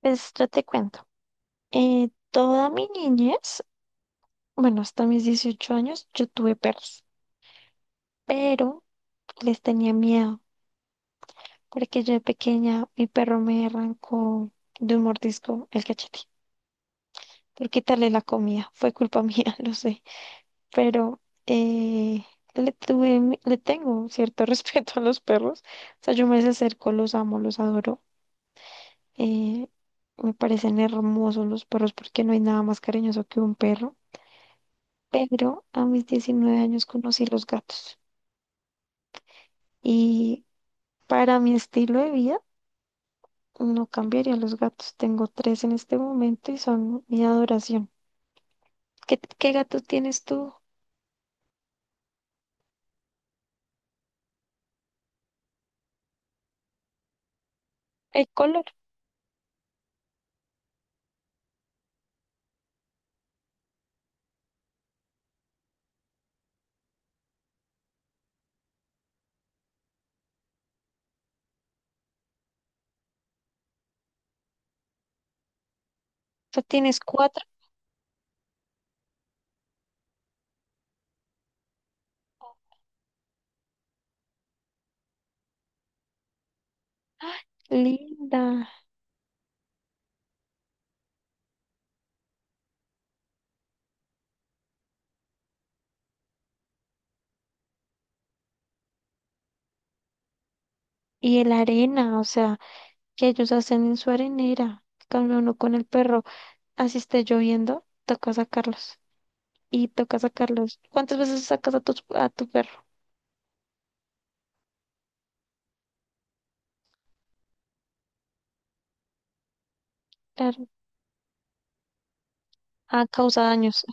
Pues yo te cuento. Toda mi niñez, bueno, hasta mis 18 años, yo tuve perros, pero les tenía miedo, porque yo de pequeña, mi perro me arrancó de un mordisco el cachete por quitarle la comida. Fue culpa mía, lo sé, pero eh, le tuve, le tengo cierto respeto a los perros. O sea, yo me acerco, los amo, los adoro. Eh, me parecen hermosos los perros porque no hay nada más cariñoso que un perro. Pero a mis 19 años conocí los gatos y para mi estilo de vida no cambiaría los gatos. Tengo tres en este momento y son mi adoración. ¿Qué gato tienes tú? El color. O sea, tienes cuatro. Linda. Y el arena, o sea, que ellos hacen en su arenera. Cambia uno con el perro. Así esté lloviendo, toca sacarlos. Y toca sacarlos. ¿Cuántas veces sacas a tu perro? Claro. Ah, causa daños.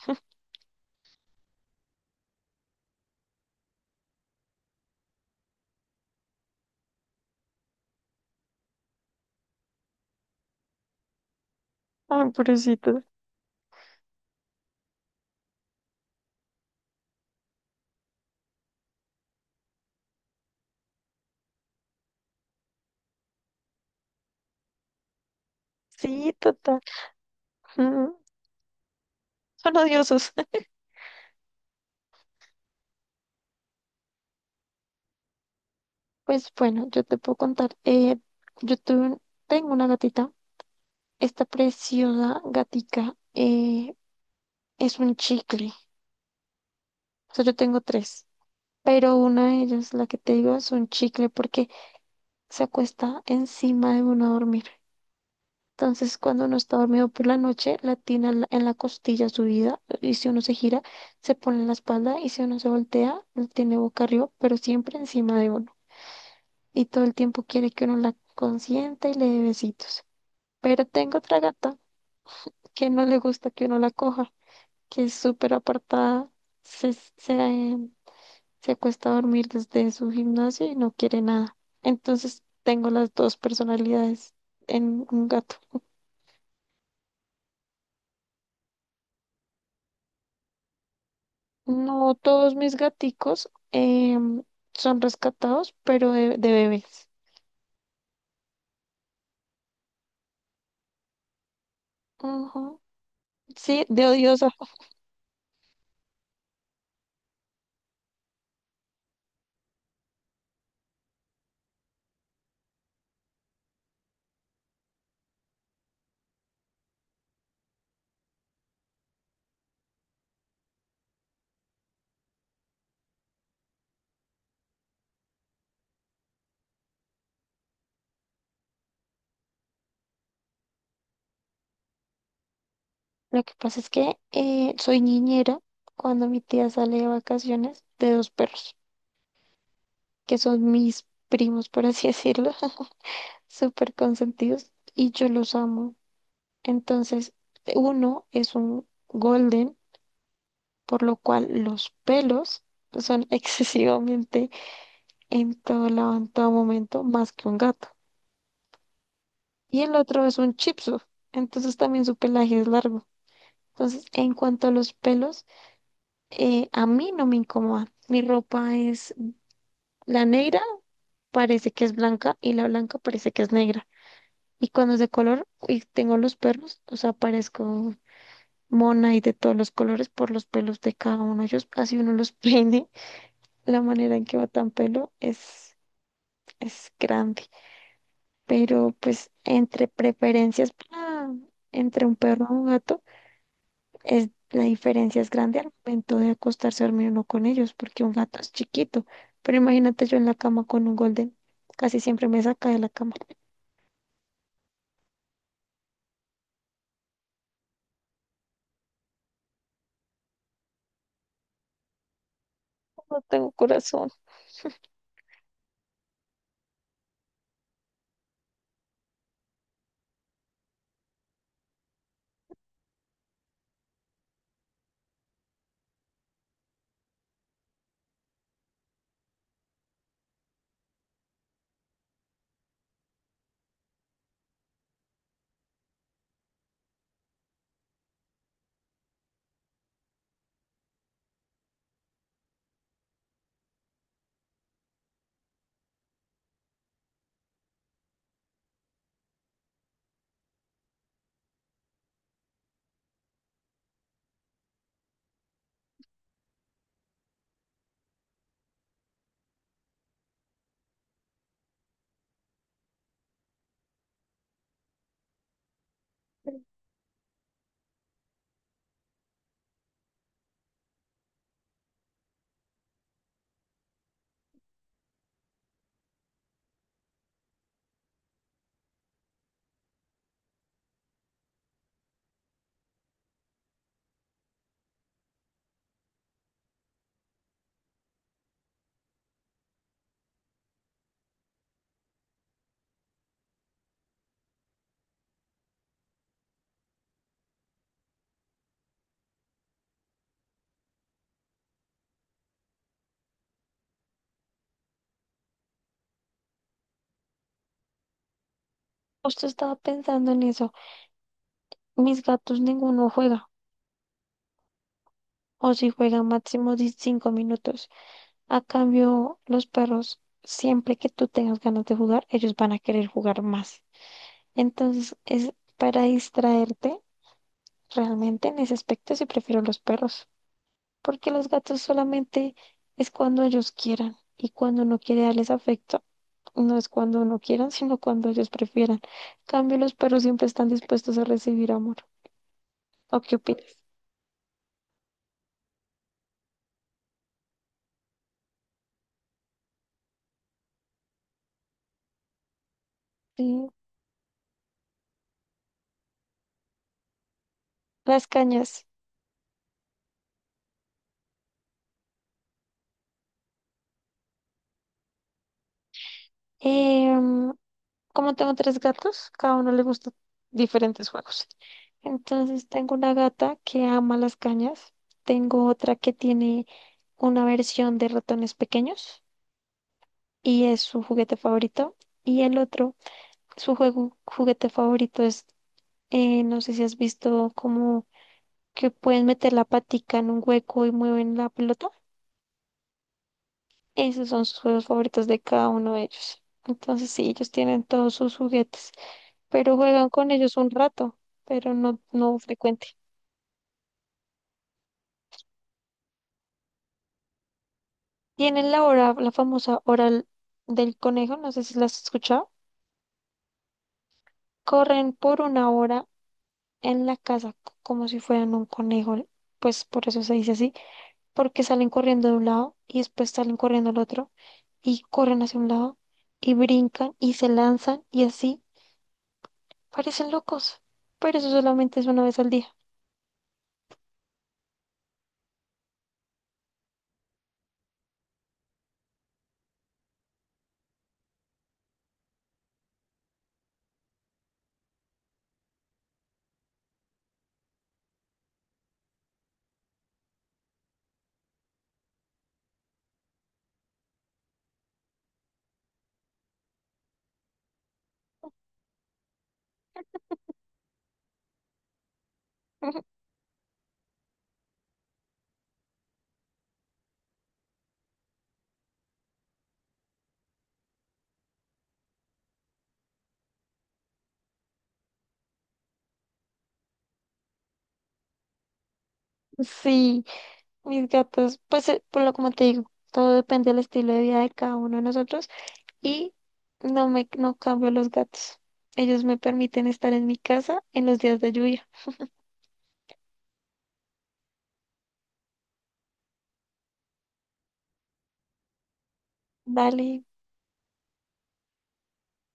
Ay, pobrecito. Sí, total. Mm, son odiosos. Pues bueno, yo te puedo contar. Yo tuve- tengo una gatita. Esta preciosa gatica es un chicle. O sea, yo tengo tres. Pero una de ellas, la que te digo, es un chicle porque se acuesta encima de uno a dormir. Entonces, cuando uno está dormido por la noche, la tiene en la costilla subida. Y si uno se gira, se pone en la espalda. Y si uno se voltea, la tiene boca arriba, pero siempre encima de uno. Y todo el tiempo quiere que uno la consienta y le dé besitos. Pero tengo otra gata que no le gusta que uno la coja, que es súper apartada, se, se, se acuesta a dormir desde su gimnasio y no quiere nada. Entonces tengo las dos personalidades en un gato. No todos mis gaticos son rescatados, pero de bebés. Ujú. Sí, de odiosa. Lo que pasa es que soy niñera cuando mi tía sale de vacaciones de dos perros, que son mis primos, por así decirlo, súper consentidos, y yo los amo. Entonces, uno es un golden, por lo cual los pelos son excesivamente en todo lado, en todo momento, más que un gato. Y el otro es un shih Tzu, entonces también su pelaje es largo. Entonces, en cuanto a los pelos, a mí no me incomoda. Mi ropa es la negra parece que es blanca y la blanca parece que es negra. Y cuando es de color y tengo los perros, o sea, parezco mona y de todos los colores por los pelos de cada uno. Ellos, así uno los peine, la manera en que va tan pelo es grande. Pero pues entre un perro y un gato, la diferencia es grande al momento de acostarse a dormir uno con ellos, porque un gato es chiquito. Pero imagínate yo en la cama con un golden, casi siempre me saca de la cama. No tengo corazón. Justo estaba pensando en eso. Mis gatos ninguno juega, o si juegan máximo de 5 minutos. A cambio, los perros, siempre que tú tengas ganas de jugar, ellos van a querer jugar más. Entonces, es para distraerte. Realmente en ese aspecto sí prefiero los perros, porque los gatos solamente es cuando ellos quieran y cuando uno quiere darles afecto. No es cuando uno quieran, sino cuando ellos prefieran. En cambio, los perros siempre están dispuestos a recibir amor. ¿O qué opinas? Sí, las cañas. Em, como tengo tres gatos, cada uno le gusta diferentes juegos. Entonces tengo una gata que ama las cañas. Tengo otra que tiene una versión de ratones pequeños y es su juguete favorito. Y el otro, su juguete favorito es, no sé si has visto como que pueden meter la patica en un hueco y mueven la pelota. Esos son sus juegos favoritos de cada uno de ellos. Entonces sí, ellos tienen todos sus juguetes, pero juegan con ellos un rato, pero no frecuente. Tienen la hora, la famosa hora l- del conejo, no sé si la has escuchado. Corren por una hora en la casa como si fueran un conejo, pues por eso se dice así, porque salen corriendo de un lado y después salen corriendo al otro y corren hacia un lado y brincan y se lanzan y así parecen locos, pero eso solamente es una vez al día. Sí, mis gatos, pues por lo como te digo, todo depende del estilo de vida de cada uno de nosotros y no cambio los gatos. Ellos me permiten estar en mi casa en los días de lluvia. Dale.